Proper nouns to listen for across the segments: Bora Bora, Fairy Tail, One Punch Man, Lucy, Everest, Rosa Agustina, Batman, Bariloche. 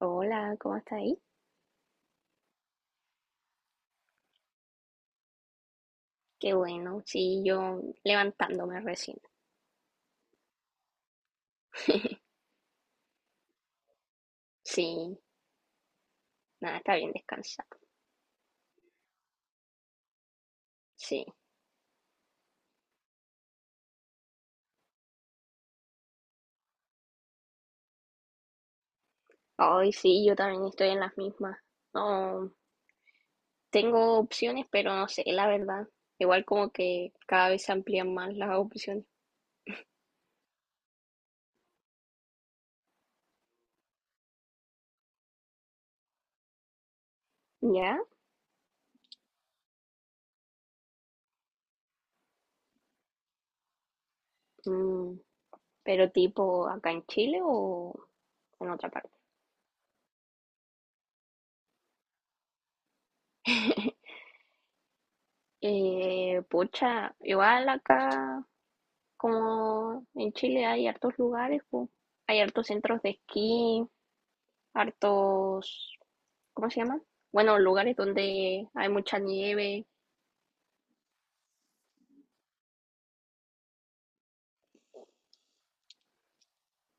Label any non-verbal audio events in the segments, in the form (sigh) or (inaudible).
Hola, ¿cómo está ahí? Qué bueno, sí, yo levantándome recién. Sí, nada, está bien descansado. Sí. Ay, sí, yo también estoy en las mismas. No, tengo opciones, pero no sé, la verdad. Igual como que cada vez se amplían más las opciones. ¿Ya? Mm, pero tipo acá en Chile o en otra parte. Pucha, igual acá como en Chile hay hartos lugares, po. Hay hartos centros de esquí, hartos, ¿cómo se llama? Bueno, lugares donde hay mucha nieve.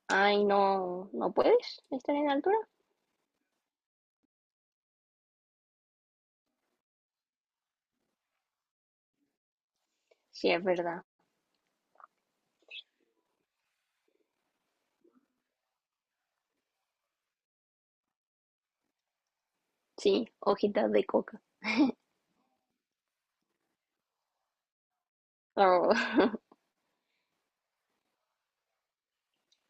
Ay, no, no puedes estar en altura. Sí, es verdad. Sí, hojitas de coca. Oh, (laughs)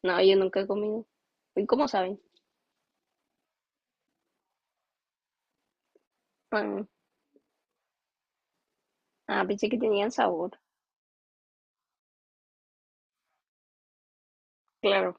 no, yo nunca he comido. ¿Y cómo saben? Mm. Ah, pensé que tenían sabor. Claro.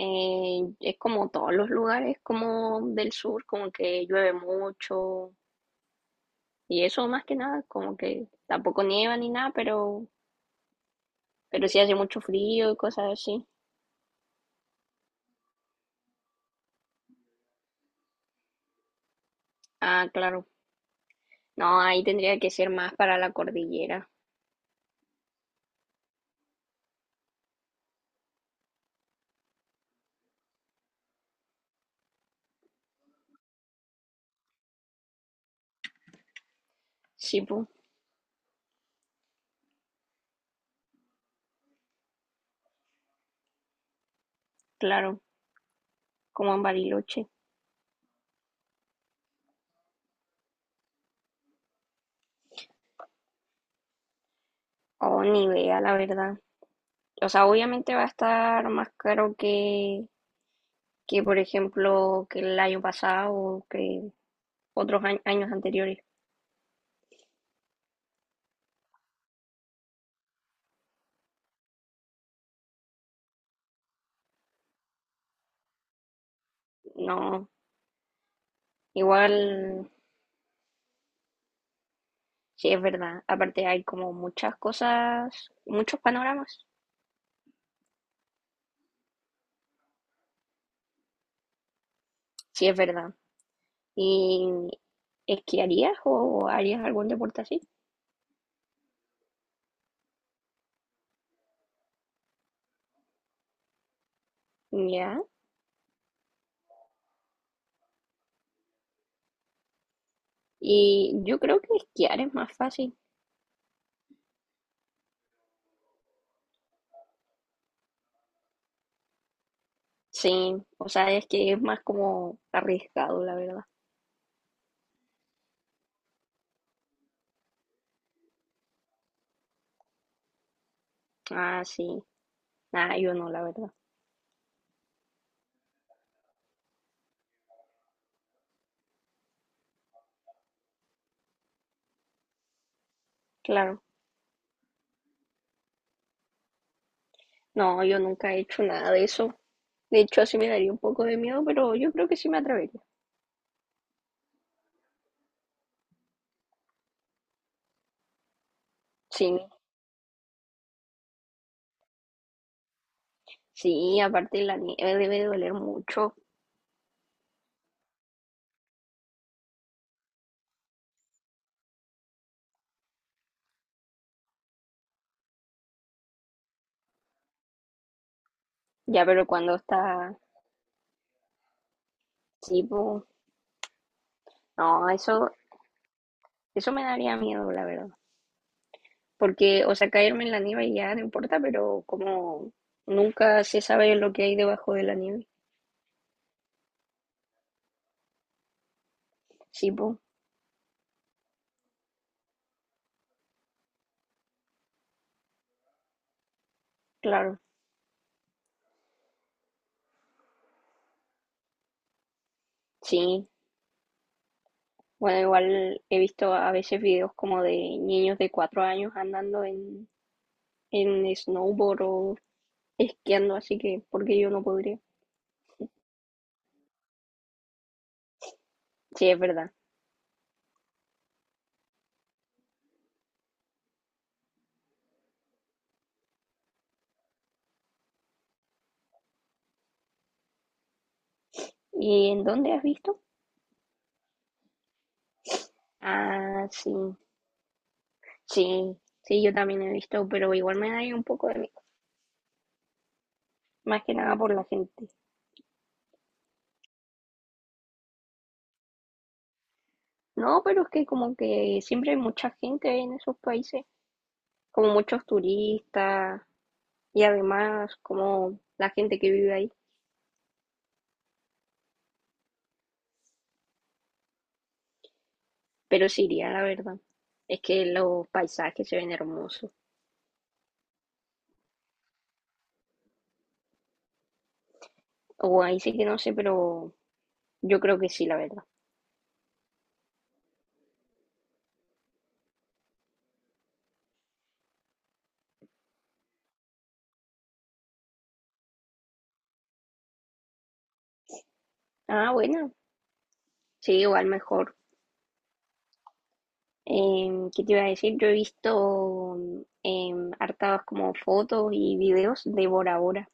Es como todos los lugares como del sur, como que llueve mucho. Y eso más que nada, como que tampoco nieva ni nada, pero sí hace mucho frío y cosas así. Ah, claro. No, ahí tendría que ser más para la cordillera. Sí, pues, claro, como en Bariloche. O ni vea, la verdad. O sea, obviamente va a estar más caro que por ejemplo, que el año pasado o que otros años anteriores. No, igual, sí es verdad. Aparte hay como muchas cosas, muchos panoramas. Sí es verdad. ¿Y esquiarías o harías algún deporte así? Ya. Y yo creo que esquiar es más fácil. Sí, o sea, es que es más como arriesgado, la verdad. Ah, sí. Ah, yo no, la verdad. Claro. No, yo nunca he hecho nada de eso. De hecho, así me daría un poco de miedo, pero yo creo que sí me atrevería. Sí, sí, aparte la nieve debe doler mucho. Ya, pero cuando está, sí, po, no, eso me daría miedo, la verdad. Porque, o sea, caerme en la nieve ya no importa, pero como nunca se sabe lo que hay debajo de la nieve. Sí, po, claro. Sí, bueno, igual he visto a veces videos como de niños de 4 años andando en snowboard o esquiando, así que porque yo no podría. Sí, es verdad. ¿Y en dónde has visto? Ah, sí, sí, sí, yo también he visto, pero igual me da ahí un poco de miedo, más que nada por la gente. No, pero es que como que siempre hay mucha gente en esos países, como muchos turistas y además como la gente que vive ahí. Pero sí iría, la verdad. Es que los paisajes se ven hermosos. O ahí sí que no sé, pero yo creo que sí, la verdad. Ah, bueno, sí, igual mejor. ¿Qué te iba a decir? Yo he visto hartas como fotos y videos de Bora Bora.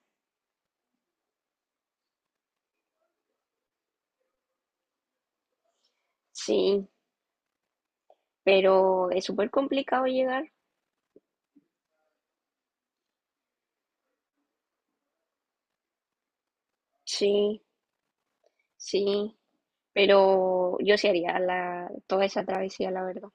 Sí, pero es súper complicado llegar. Sí, sí, pero yo sí haría la, toda esa travesía, la verdad.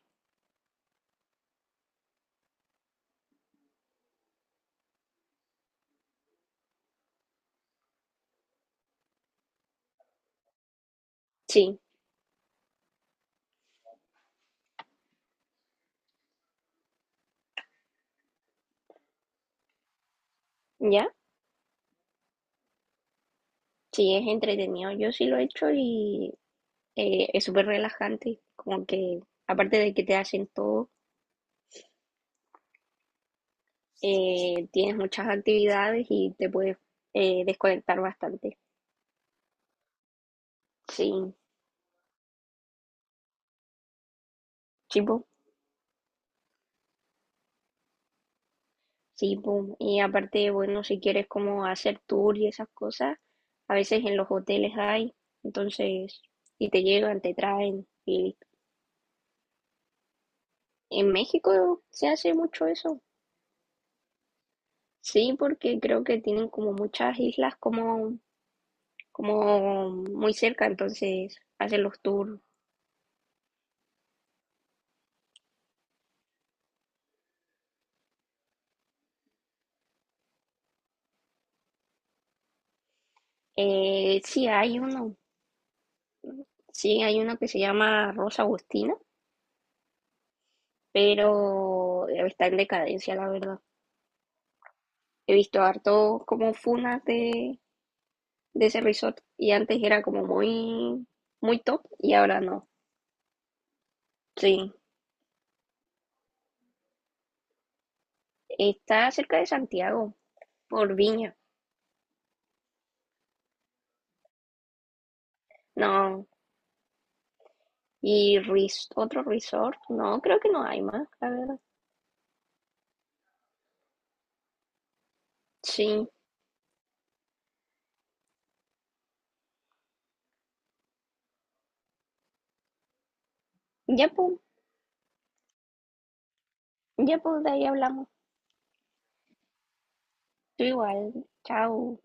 Sí, ya, sí, es entretenido. Yo sí lo he hecho y es súper relajante, como que aparte de que te hacen todo, tienes muchas actividades y te puedes desconectar bastante. Sí, chipo, sí, po. Y aparte, bueno, si quieres como hacer tour y esas cosas, a veces en los hoteles hay, entonces, y te llegan, te traen. Y listo. En México se hace mucho eso. Sí, porque creo que tienen como muchas islas como, como muy cerca, entonces hacen los tours. Sí, hay uno, sí, hay uno que se llama Rosa Agustina, pero está en decadencia, la verdad. He visto harto como funas de ese resort y antes era como muy, muy top y ahora no. Sí, está cerca de Santiago, por Viña, no. Y res- otro resort, no, creo que no hay más, la verdad. Sí, ya pues, ya pues, de ahí hablamos. Tú igual, chao.